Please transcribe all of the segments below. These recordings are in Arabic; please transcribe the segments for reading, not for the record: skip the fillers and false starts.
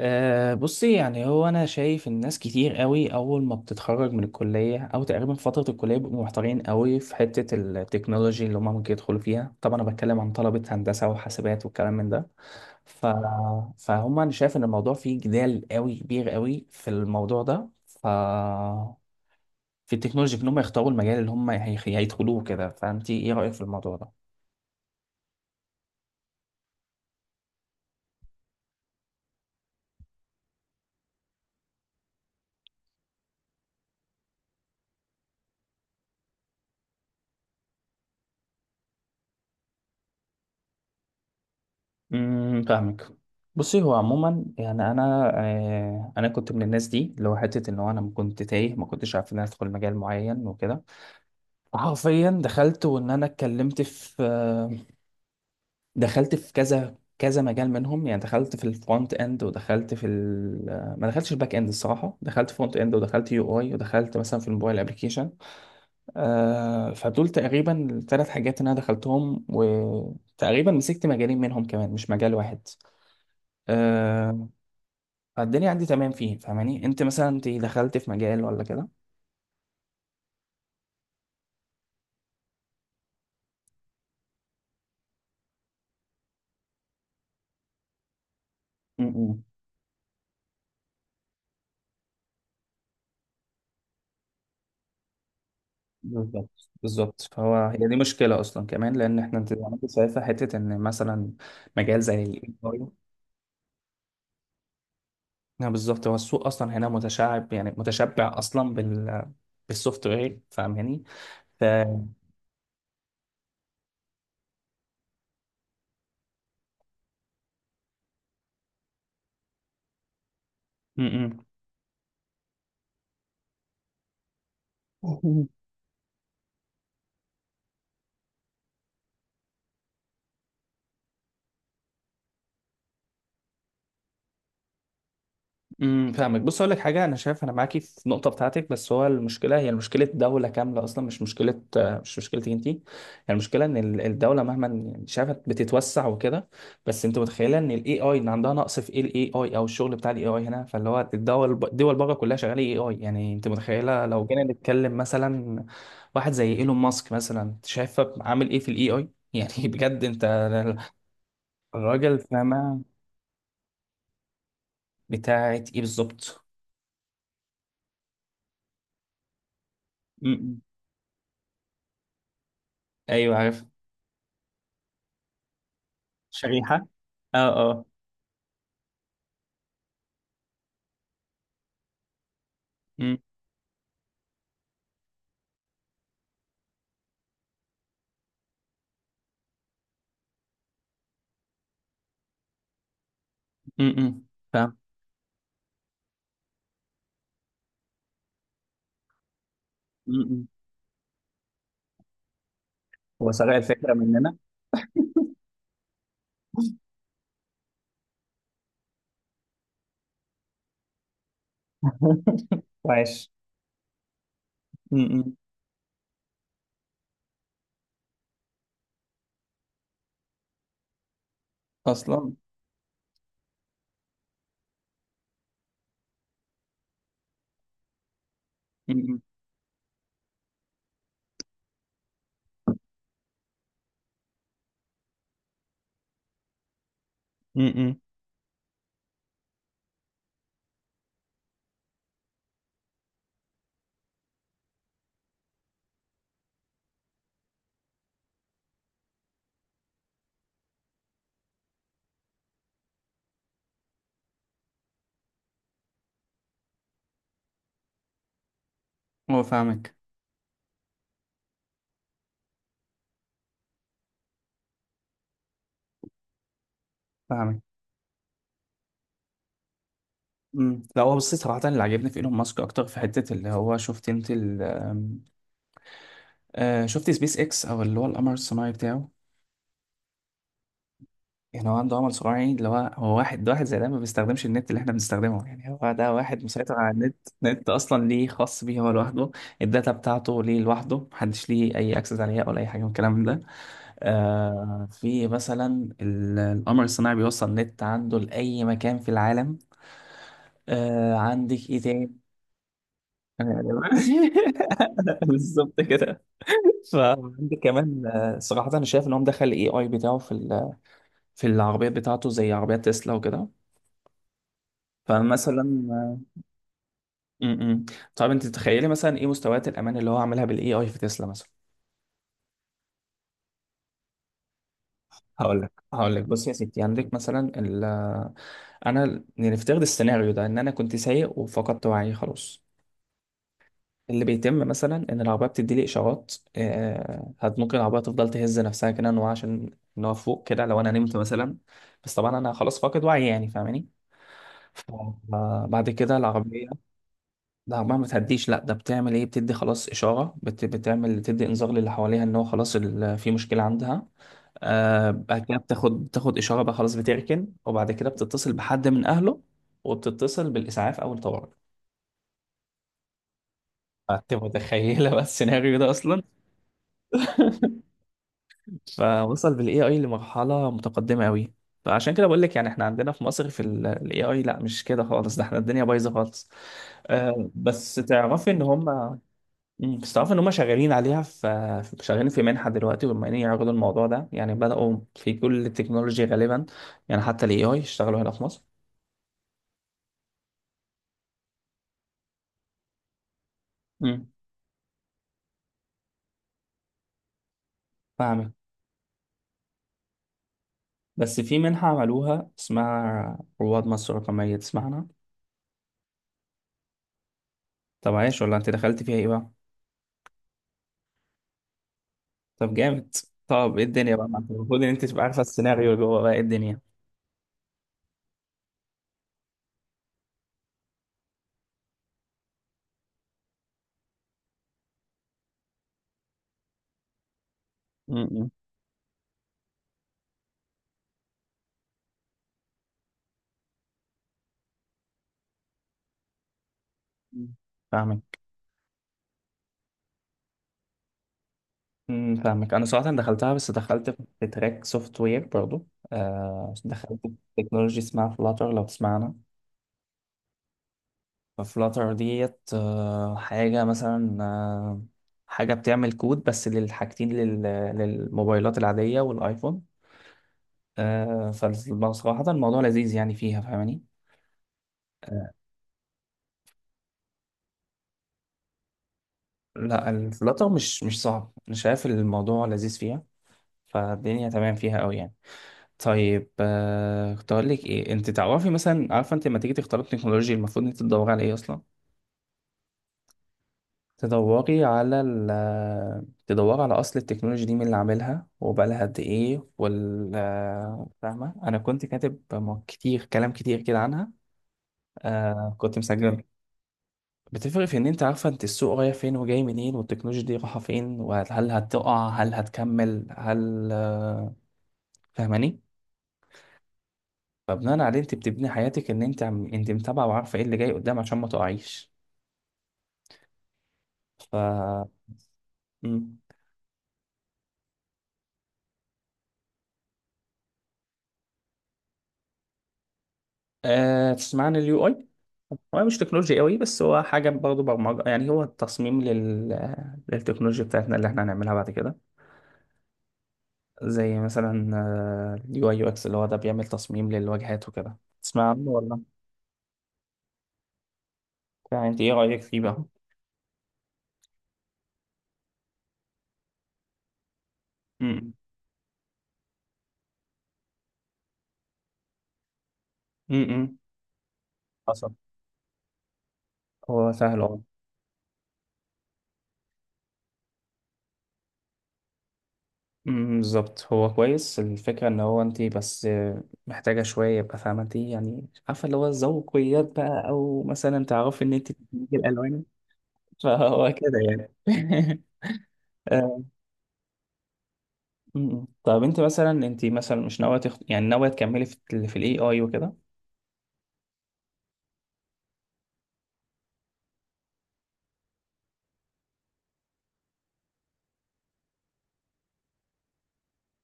بصي، يعني هو انا شايف الناس كتير قوي اول ما بتتخرج من الكليه او تقريبا في فتره الكليه، بيبقوا محتارين قوي في حته التكنولوجي اللي هم ممكن يدخلوا فيها. طبعا انا بتكلم عن طلبه هندسه وحاسبات والكلام من ده. ف... فهم انا شايف ان الموضوع فيه جدال قوي كبير قوي في الموضوع ده. في التكنولوجي، في ان هم يختاروا المجال اللي هم هيدخلوه كده. فانت ايه رايك في الموضوع ده؟ فاهمك. بصي هو عموما، يعني انا كنت من الناس دي، اللي هو حته ان هو انا كنت تايه، ما كنتش عارف ان انا ادخل مجال معين وكده. حرفيا دخلت، وان انا اتكلمت في آه دخلت في كذا كذا مجال منهم. يعني دخلت في الفرونت اند، ودخلت في ال آه، ما دخلتش الباك اند الصراحه، دخلت فرونت اند، ودخلت يو اي، ودخلت مثلا في الموبايل ابلكيشن. فدول تقريبا الثلاث حاجات اللي انا دخلتهم، وتقريبا مسكت مجالين منهم كمان، مش مجال واحد. آه، فالدنيا عندي تمام فيه، فاهماني؟ انت مثلا انت دخلت في مجال ولا كده؟ امم بالظبط، بالظبط. فهو هي دي مشكلة أصلا كمان، لأن إحنا، أنت زي ما أنت شايفة، حتة إن مثلا مجال زي ال AI. نعم بالظبط، هو السوق أصلا هنا متشعب، يعني متشبع أصلا بالسوفت وير، فاهماني؟ ف م- م. فاهمك. بص اقول لك حاجه، انا شايف انا معاكي في النقطه بتاعتك، بس هو المشكله هي مشكله دوله كامله اصلا، مش مشكلتك انت، هي المشكله ان الدوله مهما يعني شافت بتتوسع وكده. بس انت متخيله ان الاي اي، ان عندها نقص في ايه الاي اي او الشغل بتاع الاي اي هنا؟ فاللي هو الدول بره كلها شغاله اي اي. يعني انت متخيله لو جينا نتكلم مثلا واحد زي ايلون ماسك مثلا، شايفه عامل ايه في الاي اي؟ يعني بجد، انت الراجل فاهمه بتاعت ايه بالظبط؟ م- م. ايوه عارف. شريحة، اه اه. م- م- م. فاهم. م- م. هو سرق الفكرة مننا. وعاش. م- م. اصلا. م- م. م- م. هو فاهمك. فاهمك. لا هو، بصي صراحة اللي عجبني في ايلون ماسك اكتر في حتة اللي هو، شفت انت ال آم، آه شفت سبيس اكس او اللي هو القمر الصناعي بتاعه. يعني هو عنده عمل صناعي، يعني اللي هو واحد ده واحد زي ده، ما بيستخدمش النت اللي احنا بنستخدمه. يعني هو ده واحد مسيطر على النت. نت اصلا ليه خاص بيه هو لوحده، الداتا بتاعته ليه لوحده، محدش ليه اي اكسس عليها ولا اي حاجه من الكلام ده. في مثلا القمر الصناعي بيوصل نت عنده لاي مكان في العالم. عندك ايه تاني؟ بالظبط كده. فعندك كمان، صراحة أنا شايف إن هو مدخل ال AI بتاعه في في العربيات بتاعته، زي عربيات تسلا وكده. فمثلا. م-م. طب انت تتخيلي مثلا ايه مستويات الامان اللي هو عاملها بالاي اي في تسلا مثلا؟ هقول لك. بص يا ستي، عندك مثلا انا نفترض السيناريو ده ان انا كنت سايق وفقدت وعي خلاص. اللي بيتم مثلا ان العربيه بتدي لي اشارات. ممكن العربيه تفضل تهز نفسها كده، ان هو عشان ان هو فوق كده لو انا نمت مثلا، بس طبعا انا خلاص فاقد وعي، يعني فاهماني. فبعد كده العربيه، لا عمرها ما تهديش، لا، ده بتعمل ايه، بتدي خلاص اشاره، بتعمل تدي انذار للي حواليها ان هو خلاص في مشكله عندها. بعد كده بتاخد اشاره بقى خلاص بتركن، وبعد كده بتتصل بحد من اهله، وبتتصل بالاسعاف او الطوارئ. انت متخيله بقى السيناريو ده اصلا؟ فوصل بالاي اي لمرحله متقدمه قوي. فعشان كده بقول لك، يعني احنا عندنا في مصر في الاي اي، لا مش كده خالص، ده احنا الدنيا بايظه خالص. بس تعرفي ان هم، بس تعرف ان هم شغالين عليها، شغالين في منحه دلوقتي، وبما ان يعرضوا الموضوع ده، يعني بداوا في كل التكنولوجي غالبا، يعني حتى الاي اي اشتغلوا هنا في مصر. امم فاهمك. بس في منحه عملوها اسمها رواد مصر الرقميه، تسمعنا؟ طب عايش، ولا انت دخلت فيها ايه بقى؟ طب جامد. طب ايه الدنيا بقى، ما انت المفروض ان انت تبقى عارفه السيناريو اللي جوه، بقى ايه الدنيا؟ امم فاهمك. فاهمك. انا صراحه دخلتها، بس دخلت في تراك سوفت وير برضو. دخلت في تكنولوجي اسمها فلاتر، لو تسمعنا. ففلاتر ديت، حاجة مثلا، حاجة بتعمل كود بس للحاجتين، للموبايلات العادية والآيفون. فبصراحة الموضوع لذيذ يعني فيها، فاهماني؟ آه، لا، الفلاتر مش صعب، أنا شايف الموضوع لذيذ فيها، فالدنيا تمام فيها أوي يعني. طيب، كنت أقول لك إيه، أنت تعرفي مثلا، عارفة أنت لما تيجي تختاري التكنولوجيا، المفروض أنت تدوري على إيه أصلا؟ تدوري على أصل التكنولوجيا دي، مين اللي عاملها، وبقالها قد إيه، فاهمة؟ أنا كنت كاتب كتير، كلام كتير كده عنها. كنت مسجل. بتفرق في إن أنت عارفة أنت السوق رايح فين وجاي منين، والتكنولوجيا دي رايحة فين، وهل هتقع، هل هتكمل، هل آه، فاهماني؟ فبناء عليه، أنت بتبني حياتك إن أنت أنت متابعة وعارفة إيه اللي جاي قدام، عشان ما تقعيش. ف مم. تسمع عن اليو اي؟ هو مش تكنولوجيا قوي، بس هو حاجة برضه برمجة، يعني هو التصميم للتكنولوجيا بتاعتنا اللي احنا هنعملها بعد كده. زي مثلا اليو اي يو اكس، اللي هو ده بيعمل تصميم للواجهات وكده. تسمع عنه ولا؟ يعني انت ايه رأيك فيه بقى؟ امم. امم. حصل. هو سهل، اه. بالظبط، هو كويس. الفكرة ان هو، انت بس، محتاجة شوية يبقى فاهمة انت، يعني عارفة اللي هو الذوقيات بقى، او مثلا تعرفي ان انت تدمجي الالوان. فهو كده يعني. آه، م-م. طب انت مثلا مش ناويه يعني ناويه تكملي في في الاي اي وكده؟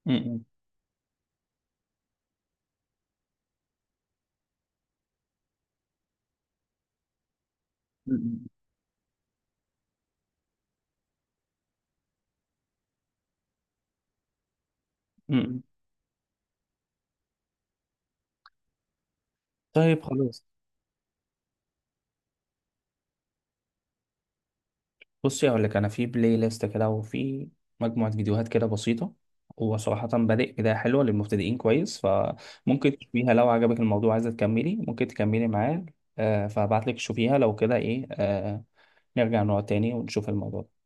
م-م. م-م. م-م. طيب خلاص. بصي هقول لك، انا في بلاي ليست كده، وفي مجموعه فيديوهات كده بسيطه، هو صراحة بادئ بداية حلوة للمبتدئين كويس. فممكن تشوفيها، لو عجبك الموضوع عايزة تكملي ممكن تكملي معاه. فهبعت لك تشوفيها، لو كده ايه، نرجع نقعد تاني ونشوف الموضوع.